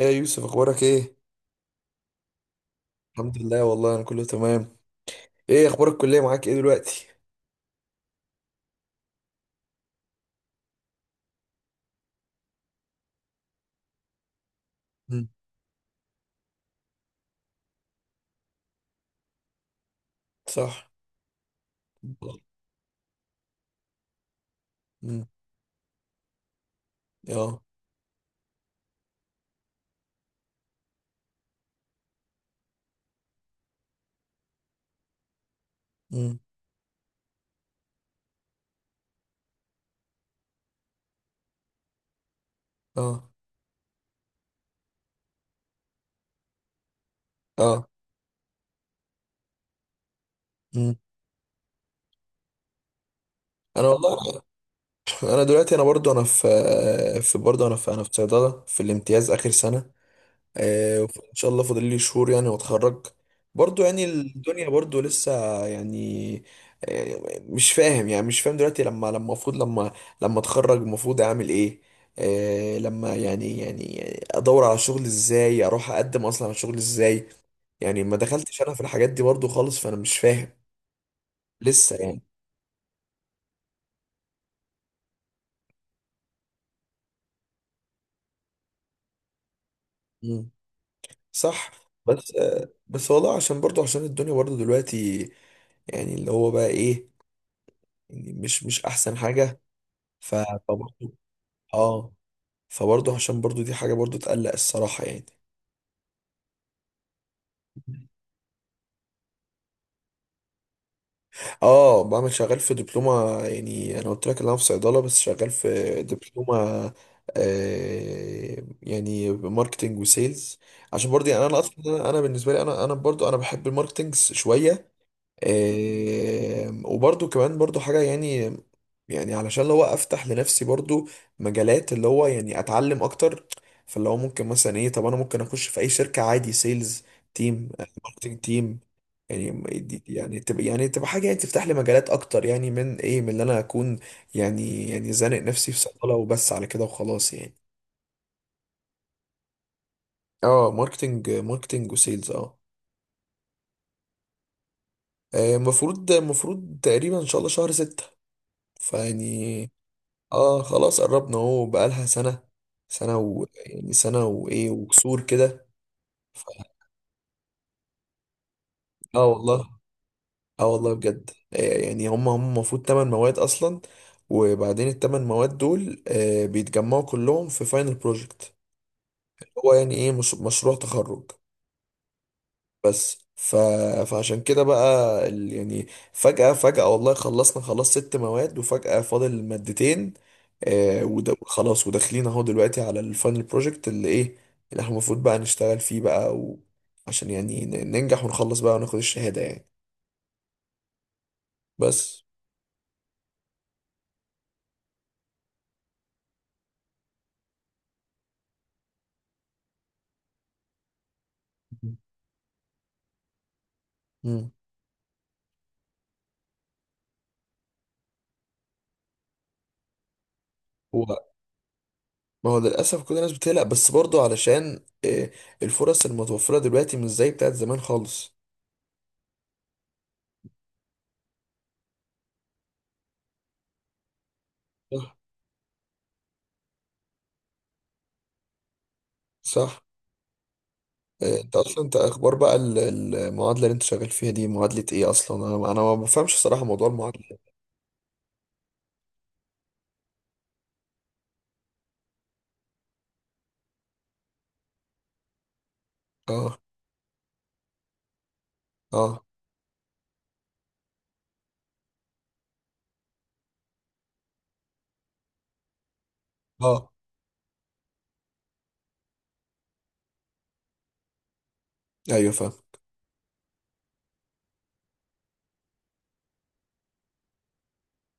ايه يا يوسف، اخبارك ايه؟ الحمد لله، والله انا كله تمام. ايه اخبار الكليه معاك ايه دلوقتي؟ مم. صح. امم. اه. امم. اه. اه. امم. انا والله، انا دلوقتي انا برضو انا في برضو انا في انا في صيدله في الامتياز اخر سنه. ان شاء الله فاضل لي شهور يعني واتخرج. برضو يعني الدنيا برضو لسه يعني. مش فاهم، يعني مش فاهم دلوقتي لما المفروض لما لما اتخرج المفروض اعمل ايه. لما يعني ادور على شغل ازاي، اروح اقدم اصلا على شغل ازاي. يعني ما دخلتش انا في الحاجات دي برضو خالص، فانا مش فاهم لسه يعني. مم. صح. بس بس والله عشان برضو عشان الدنيا برضو دلوقتي يعني اللي هو بقى ايه، يعني مش احسن حاجة. ف اه، فبرضه عشان برضه دي حاجة برضه تقلق الصراحة يعني. اه، بعمل شغال في دبلومة، يعني انا قلت لك ان انا في صيدلة بس شغال في دبلومة. يعني ماركتينج وسيلز. عشان برضه يعني انا بالنسبة لي انا برضه انا بحب الماركتينج شوية. وبرضو كمان برضو حاجة يعني، يعني علشان لو افتح لنفسي برضو مجالات اللي هو يعني اتعلم اكتر. فاللي هو ممكن مثلا ايه، طب انا ممكن اخش في اي شركة عادي، سيلز تيم، ماركتنج تيم. يعني يعني تبقى حاجة يعني تفتح لي مجالات اكتر، يعني من ايه من اللي انا اكون يعني زانق نفسي في صيدلة وبس على كده وخلاص يعني. اه، ماركتنج ماركتنج وسيلز اه. المفروض تقريبا ان شاء الله شهر ستة، فيعني. اه خلاص قربنا اهو، بقالها سنة، سنة و يعني سنة وايه وكسور كده. ف... اه والله. اه والله بجد، يعني هم المفروض تمن مواد اصلا. وبعدين التمن مواد دول بيتجمعوا كلهم في فاينل بروجكت، هو يعني ايه، مش... مشروع تخرج. بس ف... فعشان كده بقى يعني فجأة فجأة والله خلصنا خلاص ست مواد وفجأة فاضل مادتين. وده خلاص، وداخلين اهو دلوقتي على الفاينل بروجكت، اللي ايه، اللي احنا المفروض بقى نشتغل فيه بقى. عشان يعني ننجح ونخلص بقى وناخد الشهادة يعني بس. مم. هو ما هو للأسف كل الناس بتقلق، بس برضو علشان الفرص المتوفرة دلوقتي مش زي بتاعت زمان خالص. صح. صح. انت اصلا انت اخبار بقى المعادله اللي انت شغال فيها دي معادله ايه اصلا، انا ما بفهمش صراحه موضوع المعادله. اه. اه. اه. ايوه فاهم.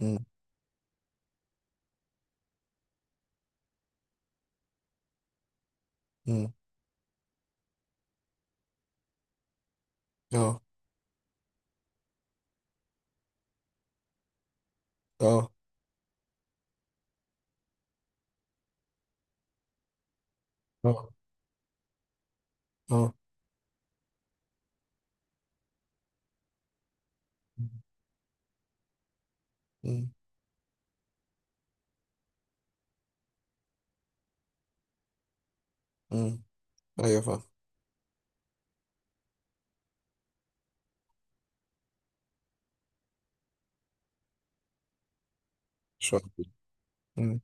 امم. امم. اه. اه. اه. اه. امم. امم. ايوه فاهم. شويه. امم.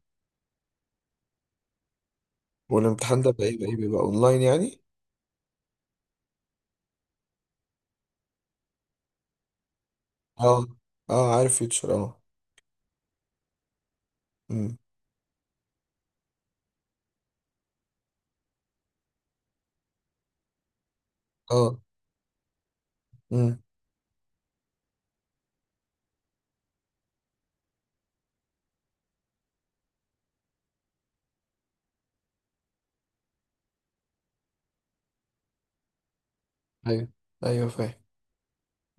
والامتحان ده بقى ايه، بقى ايه، بيبقى اونلاين يعني؟ اه. اه عارف فيوتشر اه. امم. اه. امم. ايوه. ايوه فاهم.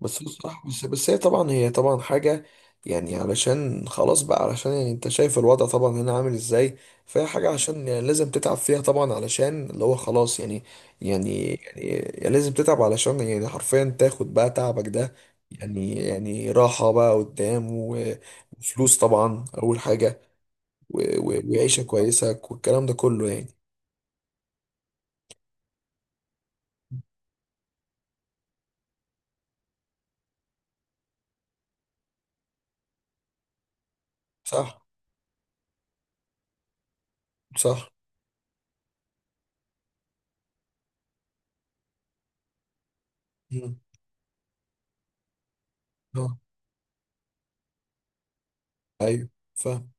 بس هو الصراحة، بس هي طبعا، هي طبعا حاجة يعني علشان خلاص بقى، علشان يعني انت شايف الوضع طبعا هنا عامل ازاي. فهي حاجة عشان يعني لازم تتعب فيها طبعا، علشان اللي هو خلاص يعني، يعني لازم تتعب علشان يعني حرفيا تاخد بقى تعبك ده، يعني يعني راحة بقى قدام وفلوس طبعا أول حاجة وعيشة كويسة والكلام ده كله يعني. صح. صح. مم. اه. ايوه فاهم.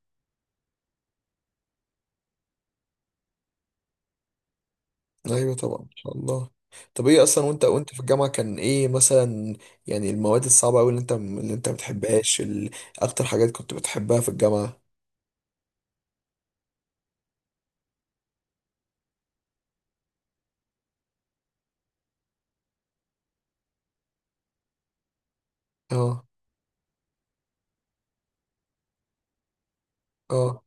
ايوه طبعا ان شاء الله. طب ايه اصلا، وانت وانت في الجامعه كان ايه مثلا يعني المواد الصعبه قوي اللي انت اللي انت ما بتحبهاش اكتر حاجات كنت بتحبها في الجامعه؟ اه. اه.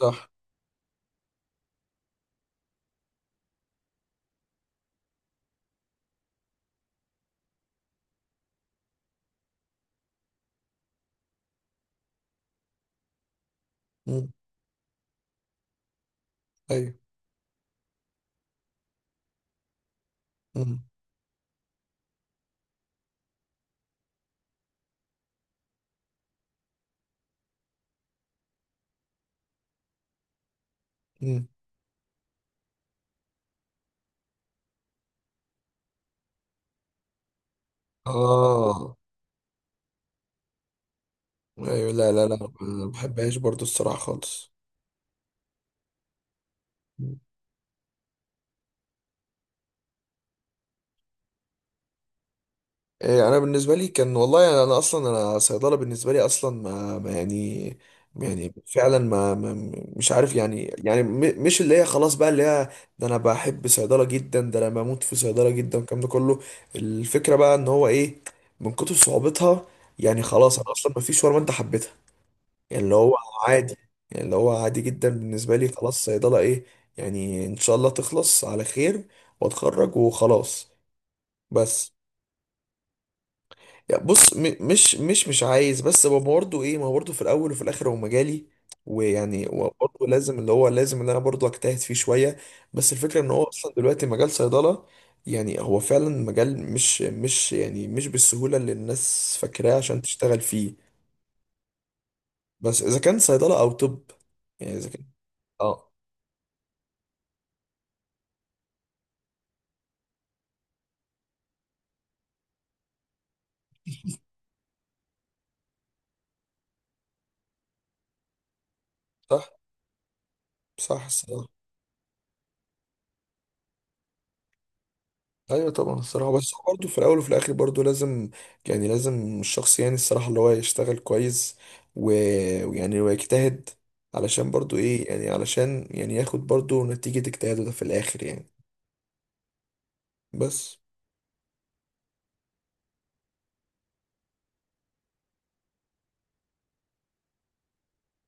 صح. امم. ايوه. امم. امم. اه. ايوه لا لا لا، ما بحبهاش برضو الصراحه خالص. انا بالنسبه لي كان والله يعني انا اصلا انا صيدله بالنسبه لي اصلا ما يعني، يعني فعلا ما مش عارف يعني يعني مش اللي هي خلاص بقى اللي هي، ده انا بحب صيدله جدا، ده انا بموت في صيدله جدا الكلام ده كله. الفكره بقى ان هو ايه، من كتر صعوبتها يعني خلاص انا اصلا ما فيش ولا ما انت حبيتها، يعني اللي هو عادي، يعني اللي هو عادي جدا بالنسبه لي خلاص. صيدله ايه يعني، ان شاء الله تخلص على خير واتخرج وخلاص بس. يعني بص، مش مش عايز، بس هو برضه ايه، ما هو برضه في الاول وفي الاخر هو مجالي، ويعني وبرضه لازم اللي هو لازم اللي انا برضه اجتهد فيه شويه. بس الفكره ان هو اصلا دلوقتي مجال صيدله، يعني هو فعلا مجال مش يعني مش بالسهوله اللي الناس فاكراه عشان تشتغل فيه. بس اذا كان صيدله او طب، يعني اذا كان اه. صح. صح. صح. ايوه طبعا الصراحه، بس هو برضه في الاول وفي الاخر برضه لازم، يعني لازم الشخص يعني الصراحه اللي هو يشتغل كويس و- ويعني ويجتهد علشان برضه ايه، يعني علشان يعني ياخد برضه نتيجه اجتهاده ده في الاخر يعني بس.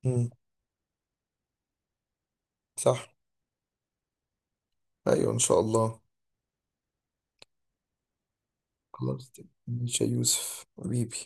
امم. صح. ايوه ان شاء الله. خلاص ماشي يا يوسف حبيبي.